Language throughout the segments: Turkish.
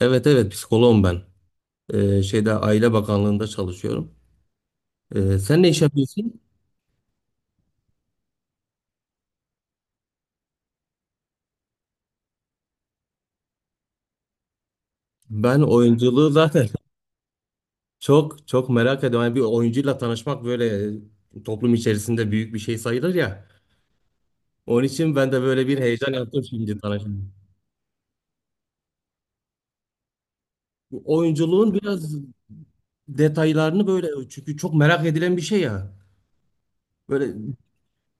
Evet evet, psikoloğum ben. Şeyde Aile Bakanlığı'nda çalışıyorum. Sen ne iş yapıyorsun? Ben oyunculuğu zaten çok çok merak ediyorum. Yani bir oyuncuyla tanışmak böyle toplum içerisinde büyük bir şey sayılır ya. Onun için ben de böyle bir heyecan yaptım, şimdi tanıştım. Oyunculuğun biraz detaylarını böyle, çünkü çok merak edilen bir şey ya. Böyle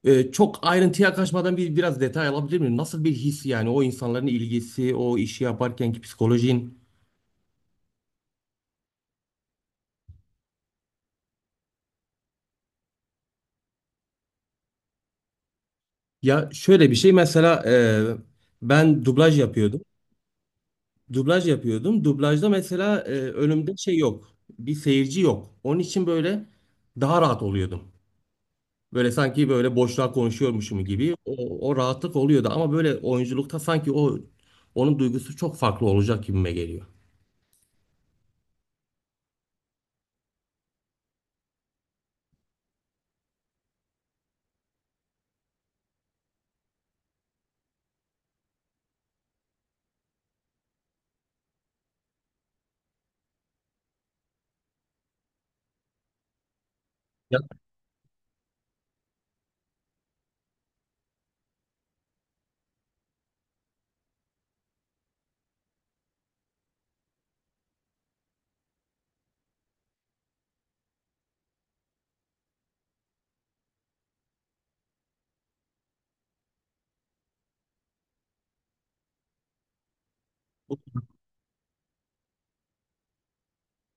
çok ayrıntıya kaçmadan bir biraz detay alabilir miyim? Nasıl bir his yani, o insanların ilgisi, o işi yaparkenki psikolojin? Ya şöyle bir şey mesela ben dublaj yapıyordum. Dublaj yapıyordum. Dublajda mesela önümde şey yok. Bir seyirci yok. Onun için böyle daha rahat oluyordum. Böyle sanki böyle boşluğa konuşuyormuşum gibi o, o rahatlık oluyordu. Ama böyle oyunculukta sanki o onun duygusu çok farklı olacak gibime geliyor. Ya,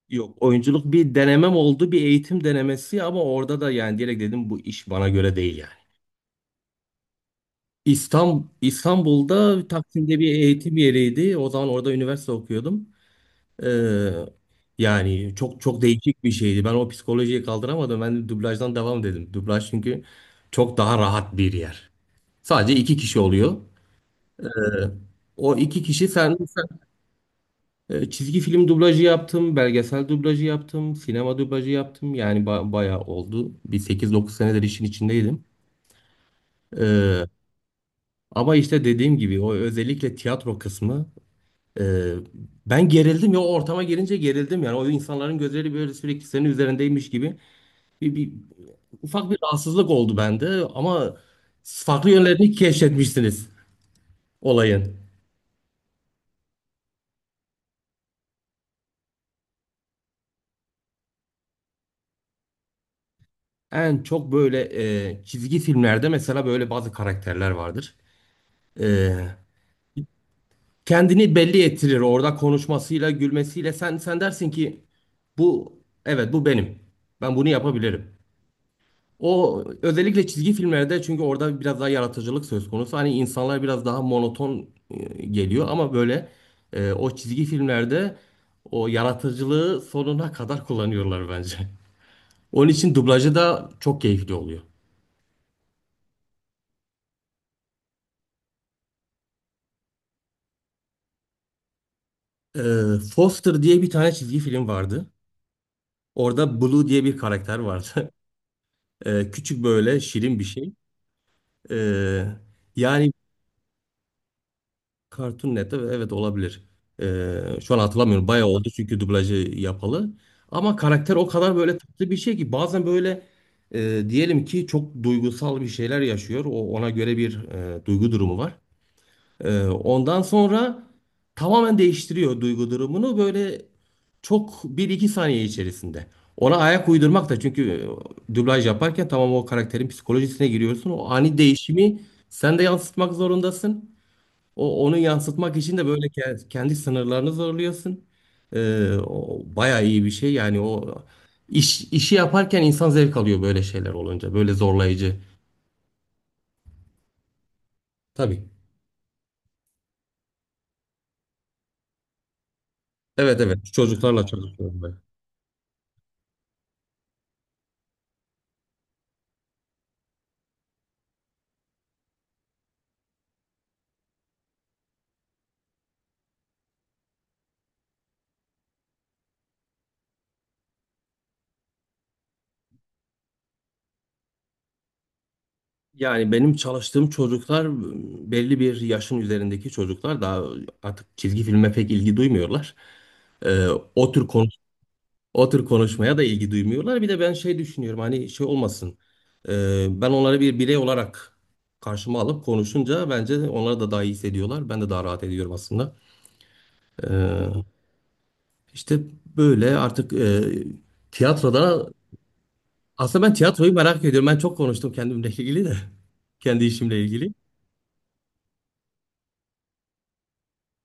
yok, oyunculuk bir denemem oldu, bir eğitim denemesi ama orada da yani direkt dedim bu iş bana göre değil yani. İstanbul, İstanbul'da Taksim'de bir eğitim yeriydi. O zaman orada üniversite okuyordum. Ee, Yani çok çok değişik bir şeydi. Ben o psikolojiyi kaldıramadım. Ben de dublajdan devam dedim. Dublaj çünkü çok daha rahat bir yer. Sadece iki kişi oluyor. Ee, O iki kişi sen- çizgi film dublajı yaptım, belgesel dublajı yaptım, sinema dublajı yaptım. Yani ba- bayağı oldu. Bir sekiz dokuz senedir işin içindeydim. Ee, Ama işte dediğim gibi o özellikle tiyatro kısmı. Ee, Ben gerildim ya, o ortama gelince gerildim yani, o insanların gözleri böyle sürekli senin üzerindeymiş gibi bir ufak bir rahatsızlık oldu bende ama farklı yönlerini keşfetmişsiniz olayın. En çok böyle çizgi filmlerde mesela böyle bazı karakterler vardır. E, Kendini belli ettirir orada konuşmasıyla gülmesiyle, sen dersin ki bu, evet bu benim, ben bunu yapabilirim. O özellikle çizgi filmlerde çünkü orada biraz daha yaratıcılık söz konusu. Hani insanlar biraz daha monoton geliyor ama böyle o çizgi filmlerde o yaratıcılığı sonuna kadar kullanıyorlar bence. Onun için dublajı da çok keyifli oluyor. E, Foster diye bir tane çizgi film vardı. Orada Blue diye bir karakter vardı. Küçük böyle şirin bir şey. E, Yani Cartoon Net'te, evet olabilir. Şu an hatırlamıyorum. Bayağı oldu çünkü dublajı yapalı. Ama karakter o kadar böyle tatlı bir şey ki bazen böyle diyelim ki çok duygusal bir şeyler yaşıyor. O ona göre bir duygu durumu var. Ondan sonra tamamen değiştiriyor duygu durumunu böyle çok bir iki saniye içerisinde. Ona ayak uydurmak da çünkü dublaj yaparken tamam, o karakterin psikolojisine giriyorsun. O ani değişimi sen de yansıtmak zorundasın. O, onu yansıtmak için de böyle ke- kendi sınırlarını zorluyorsun. O bayağı iyi bir şey. Yani o işi yaparken insan zevk alıyor böyle şeyler olunca. Böyle zorlayıcı. Tabii. Evet evet. Çocuklarla çalışıyorum ben. Yani benim çalıştığım çocuklar, belli bir yaşın üzerindeki çocuklar daha artık çizgi filme pek ilgi duymuyorlar. Ee, o tür konu O tür konuşmaya da ilgi duymuyorlar. Bir de ben şey düşünüyorum, hani şey olmasın. Ben onları bir birey olarak karşıma alıp konuşunca bence onlar da daha iyi hissediyorlar. Ben de daha rahat ediyorum aslında. Ee, işte böyle artık tiyatroda aslında ben tiyatroyu merak ediyorum. Ben çok konuştum kendimle ilgili de. Kendi işimle ilgili.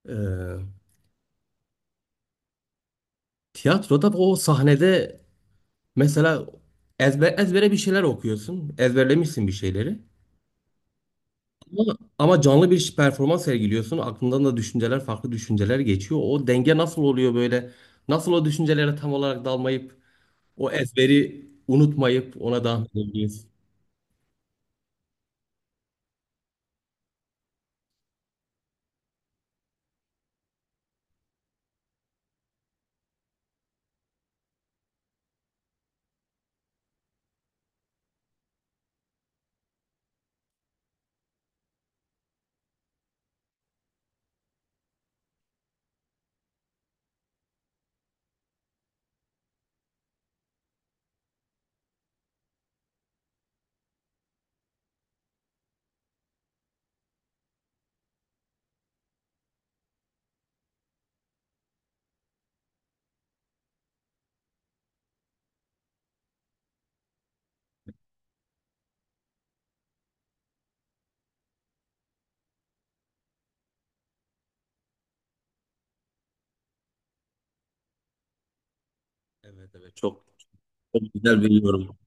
Ee, Tiyatroda o sahnede mesela ezbere bir şeyler okuyorsun. Ezberlemişsin bir şeyleri. Ama canlı bir performans sergiliyorsun. Aklından da düşünceler, farklı düşünceler geçiyor. O denge nasıl oluyor böyle? Nasıl o düşüncelere tam olarak dalmayıp o ezberi unutmayıp ona devam edebiliyorsun? Evet evet, çok, çok güzel bir yorum.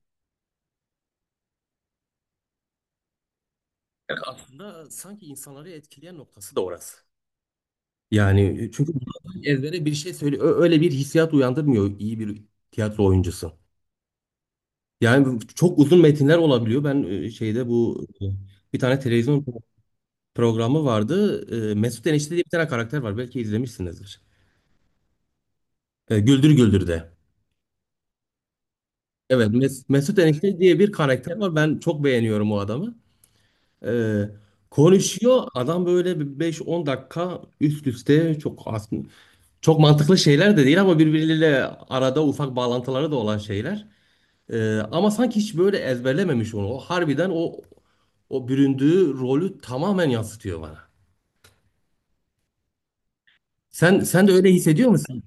Yani aslında sanki insanları etkileyen noktası da orası. Yani çünkü ezbere bir şey söyle, ö- öyle bir hissiyat uyandırmıyor iyi bir tiyatro oyuncusu. Yani çok uzun metinler olabiliyor. Ben şeyde bu bir tane televizyon programı vardı. E, Mesut Enişte diye bir tane karakter var. Belki izlemişsinizdir. Güldür Güldür'de. Evet, Mes- Mesut Enişte diye bir karakter var. Ben çok beğeniyorum o adamı. E, Konuşuyor. Adam böyle bir 5-10 dakika üst üste çok aslında çok mantıklı şeyler de değil ama birbirleriyle arada ufak bağlantıları da olan şeyler. Ama sanki hiç böyle ezberlememiş onu. O harbiden o o büründüğü rolü tamamen yansıtıyor bana. Sen de öyle hissediyor musun?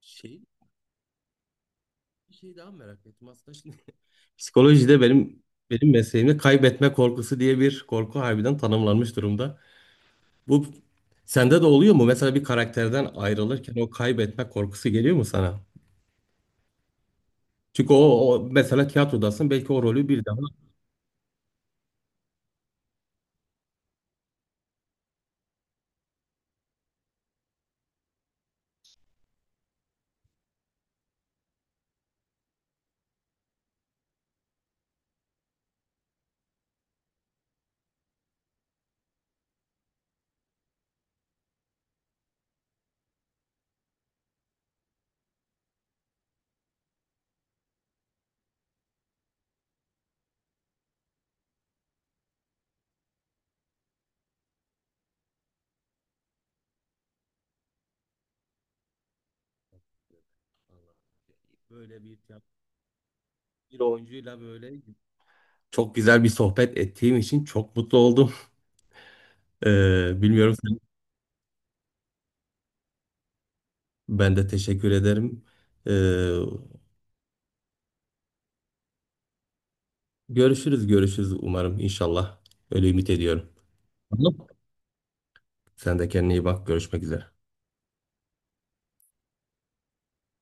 Şey, bir şey daha merak ettim aslında. Şimdi psikolojide benim mesleğimde kaybetme korkusu diye bir korku harbiden tanımlanmış durumda. Bu sende de oluyor mu? Mesela bir karakterden ayrılırken o kaybetme korkusu geliyor mu sana? Çünkü o, o mesela tiyatrodasın, belki o rolü bir daha böyle bir bir oyuncuyla böyle çok güzel bir sohbet ettiğim için çok mutlu oldum. Bilmiyorum sen. Ben de teşekkür ederim. Ee, Görüşürüz, görüşürüz umarım, inşallah. Öyle ümit ediyorum. Tamam. Sen de kendine iyi bak. Görüşmek üzere.